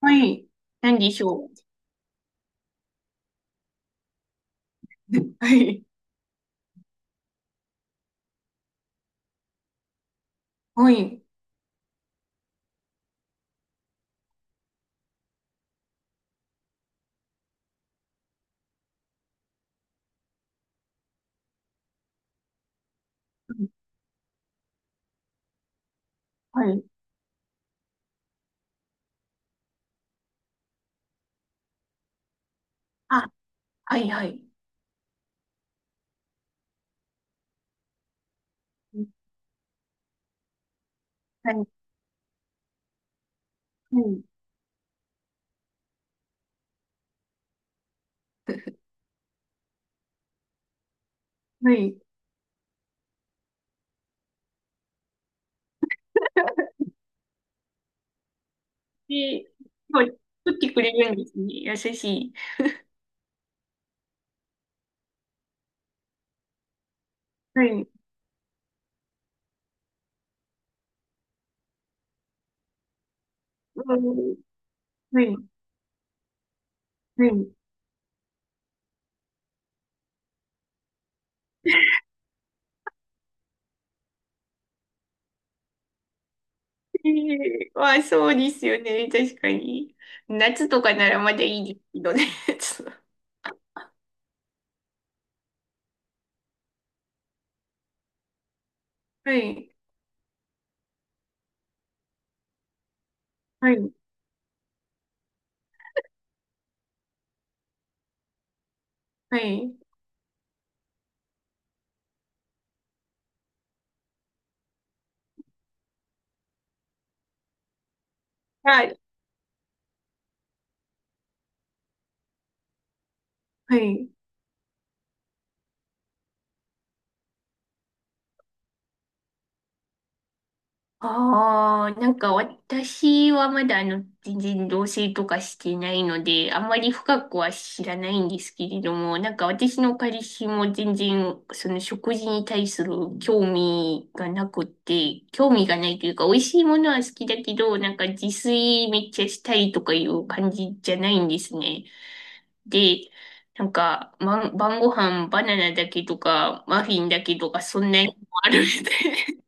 はい。何でしょう。はい。はい。はい。あ、はい、はい。はい。はい。はい。で、はい。作ってくれるんですね。優しい。はい。うん。はい。はい。えー、あ、そうですよね。確かに。夏とかならまだいいですけどね。はい。はい。はい。はい。あ、はい。ああ、なんか私はまだあの、全然同棲とかしてないので、あんまり深くは知らないんですけれども、なんか私の彼氏も全然その食事に対する興味がなくて、興味がないというか、美味しいものは好きだけど、なんか自炊めっちゃしたいとかいう感じじゃないんですね。で、なんか、ま、晩ご飯バナナだけとか、マフィンだけとか、そんなにもあるみたいな。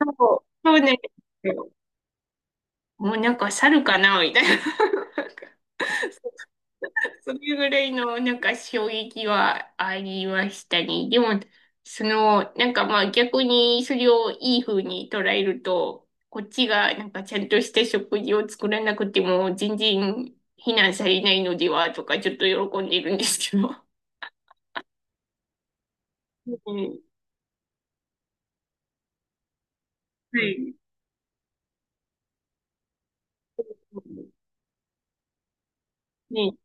そう、そうなんですよ。もうなんか猿かなみたいな。なんかそれぐらいのなんか衝撃はありましたね。でも、その、なんかまあ逆にそれをいい風に捉えると、こっちがなんかちゃんとした食事を作らなくても全然非難されないのではとかちょっと喜んでいるんですけど。うん、はい。ね、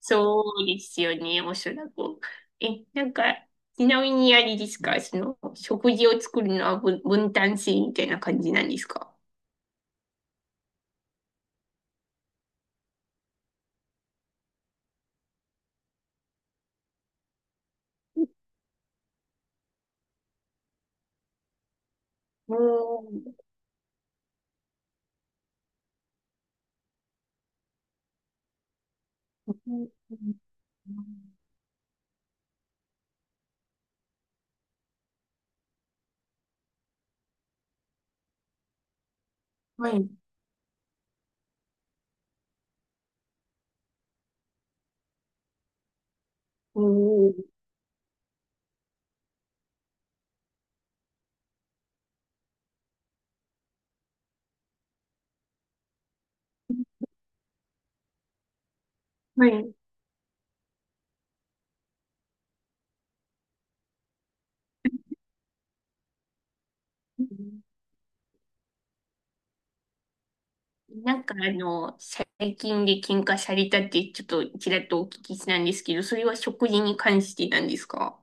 そうですよね、おそらく。え、なんか、ちなみにあれですか、その、食事を作るのは分担制みたいな感じなんですか？おー、うん、はい。おー、はい。なんかあの、最近で喧嘩されたってちょっとちらっとお聞きしたんですけど、それは食事に関してなんですか？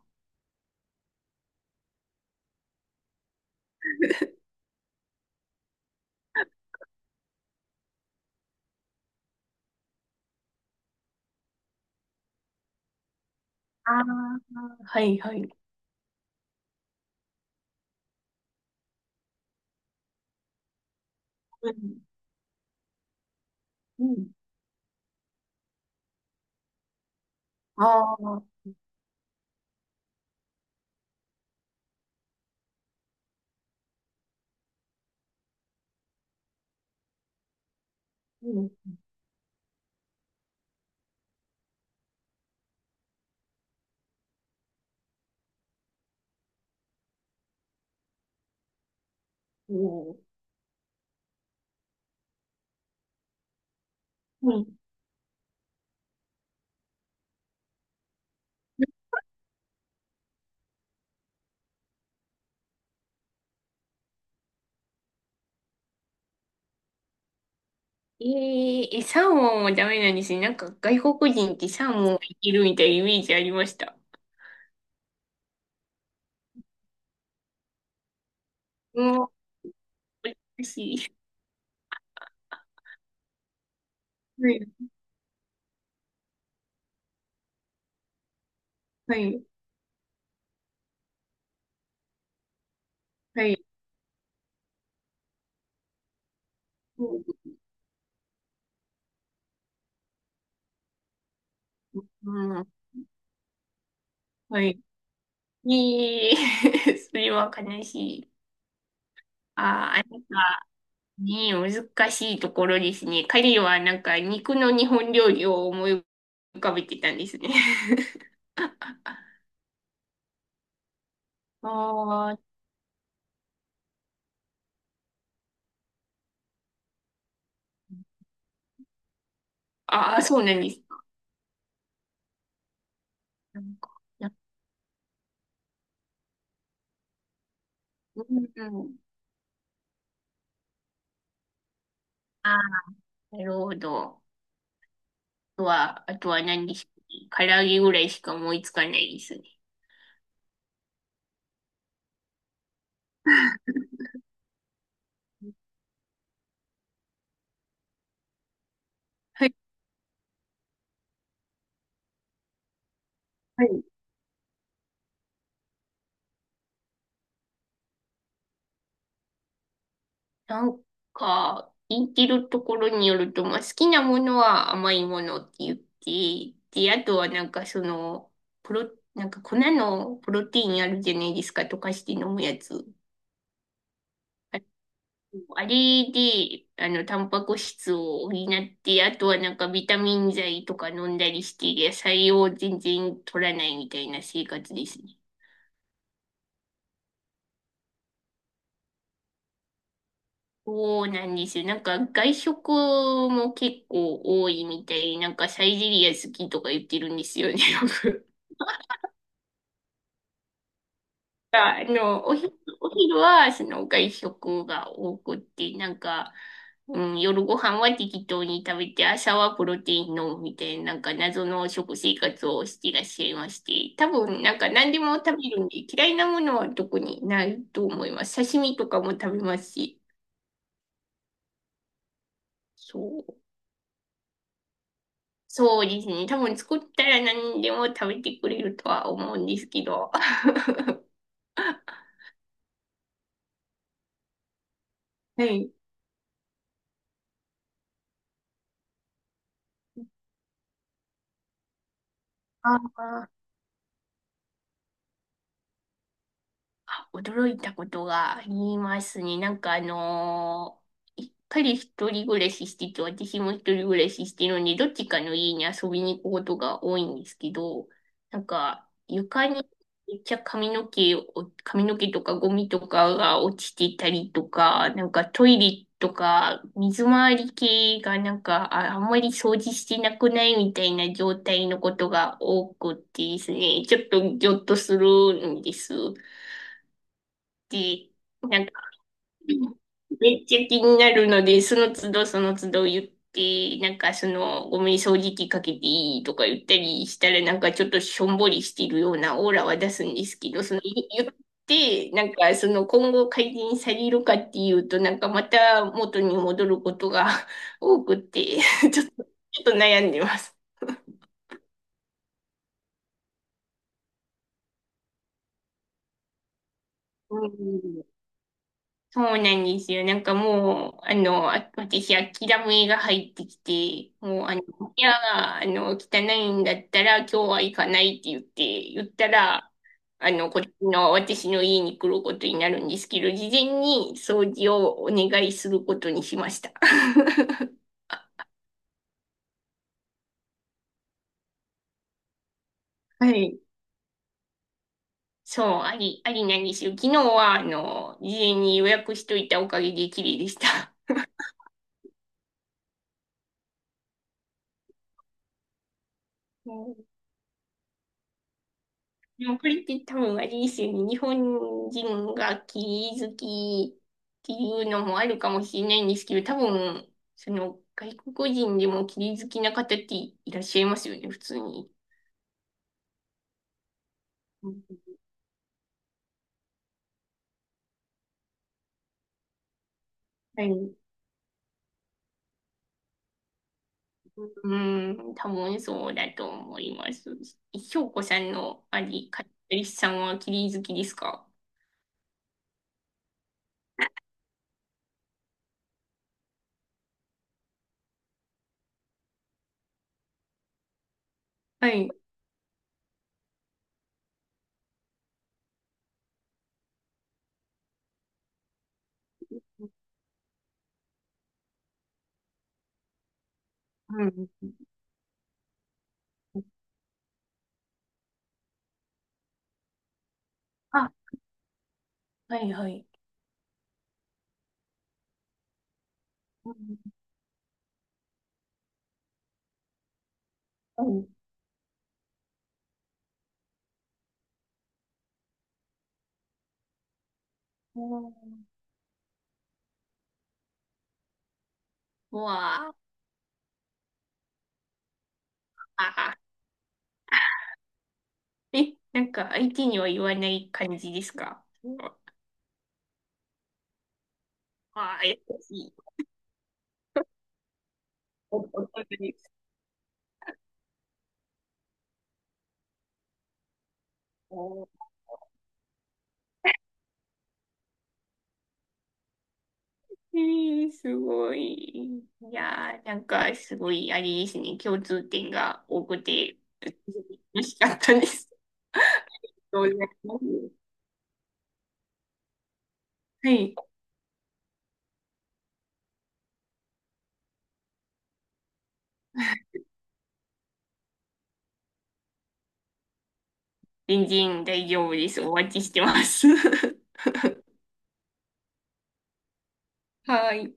ああー、はいはい。うん。うん。ああ、うん。おー、えー、え、サーモンはダメなんですね。なんか外国人ってサーモンがいけるみたいなイメージありました。もう、おしい。はい、はい、はい。うん、はい。えー、それは悲しい。あー、あ、なんかね、難しいところですね。彼はなんか肉の日本料理を思い浮かべてたんですね。あー、あー、そうなんですか。なんか、うん、うん。あー、なるほど。あとは何ですかね。唐揚げぐらいしか思いつかないですね。はい。はい、なんか、言ってるところによると、まあ、好きなものは甘いものって言って、で、あとはなんかその、なんか粉のプロテインあるじゃないですか、溶かして飲むやつ。あれで、あの、タンパク質を補って、あとはなんかビタミン剤とか飲んだりして、野菜を全然取らないみたいな生活ですね。そうなんですよ。なんか外食も結構多いみたい。なんかサイゼリア好きとか言ってるんですよね、よく。あの、お昼はその外食が多くって、なんか、うん、夜ご飯は適当に食べて、朝はプロテイン飲むみたいな、なんか謎の食生活をしていらっしゃいまして、多分なんか何でも食べるんで、嫌いなものは特にないと思います。刺身とかも食べますし。そう。そうですね。多分作ったら何でも食べてくれるとは思うんですけど。はい。ああ。驚いたことがありますね。なんか彼一人暮らししてて、私も一人暮らししてるので、どっちかの家に遊びに行くことが多いんですけど、なんか床にめっちゃ髪の毛とかゴミとかが落ちてたりとか、なんかトイレとか水回り系がなんかあんまり掃除してなくないみたいな状態のことが多くてですね、ちょっとギョッとするんです。て、なんか、めっちゃ気になるので、その都度その都度言って、なんかその、ごめん、掃除機かけていいとか言ったりしたら、なんかちょっとしょんぼりしてるようなオーラは出すんですけど、その、言って、なんかその、今後改善されるかっていうと、なんかまた元に戻ることが 多くて、ちょっと、ちょっと悩んでます。うん、そうなんですよ。なんかもう、あの、あ、私、諦めが入ってきて、もう、あの、いや、あの、汚いんだったら、今日は行かないって言ったら、あの、こっちの、私の家に来ることになるんですけど、事前に掃除をお願いすることにしました。はい。そう、ありなんですよ。昨日は、あの、事前に予約しといたおかげで綺麗でした。うん、でもこれって多分あれですよね。日本人がキリ好きっていうのもあるかもしれないんですけど、多分、その外国人でもキリ好きな方っていらっしゃいますよね、普通に。うん、はい。うん、多分そうだと思います。翔子さんのカリスさんはキリ好きですか？はい。うん。あ、はいはい。うん。うん。うわあ。え、なんか相手には言わない感じですか？ああー、優しい。お、本当に。お、えー、すごい。いやー、なんかすごい、あれですね、共通点が多くて、嬉しかったです。どうございます。はい。全然大丈夫です。お待ちしてます。はい。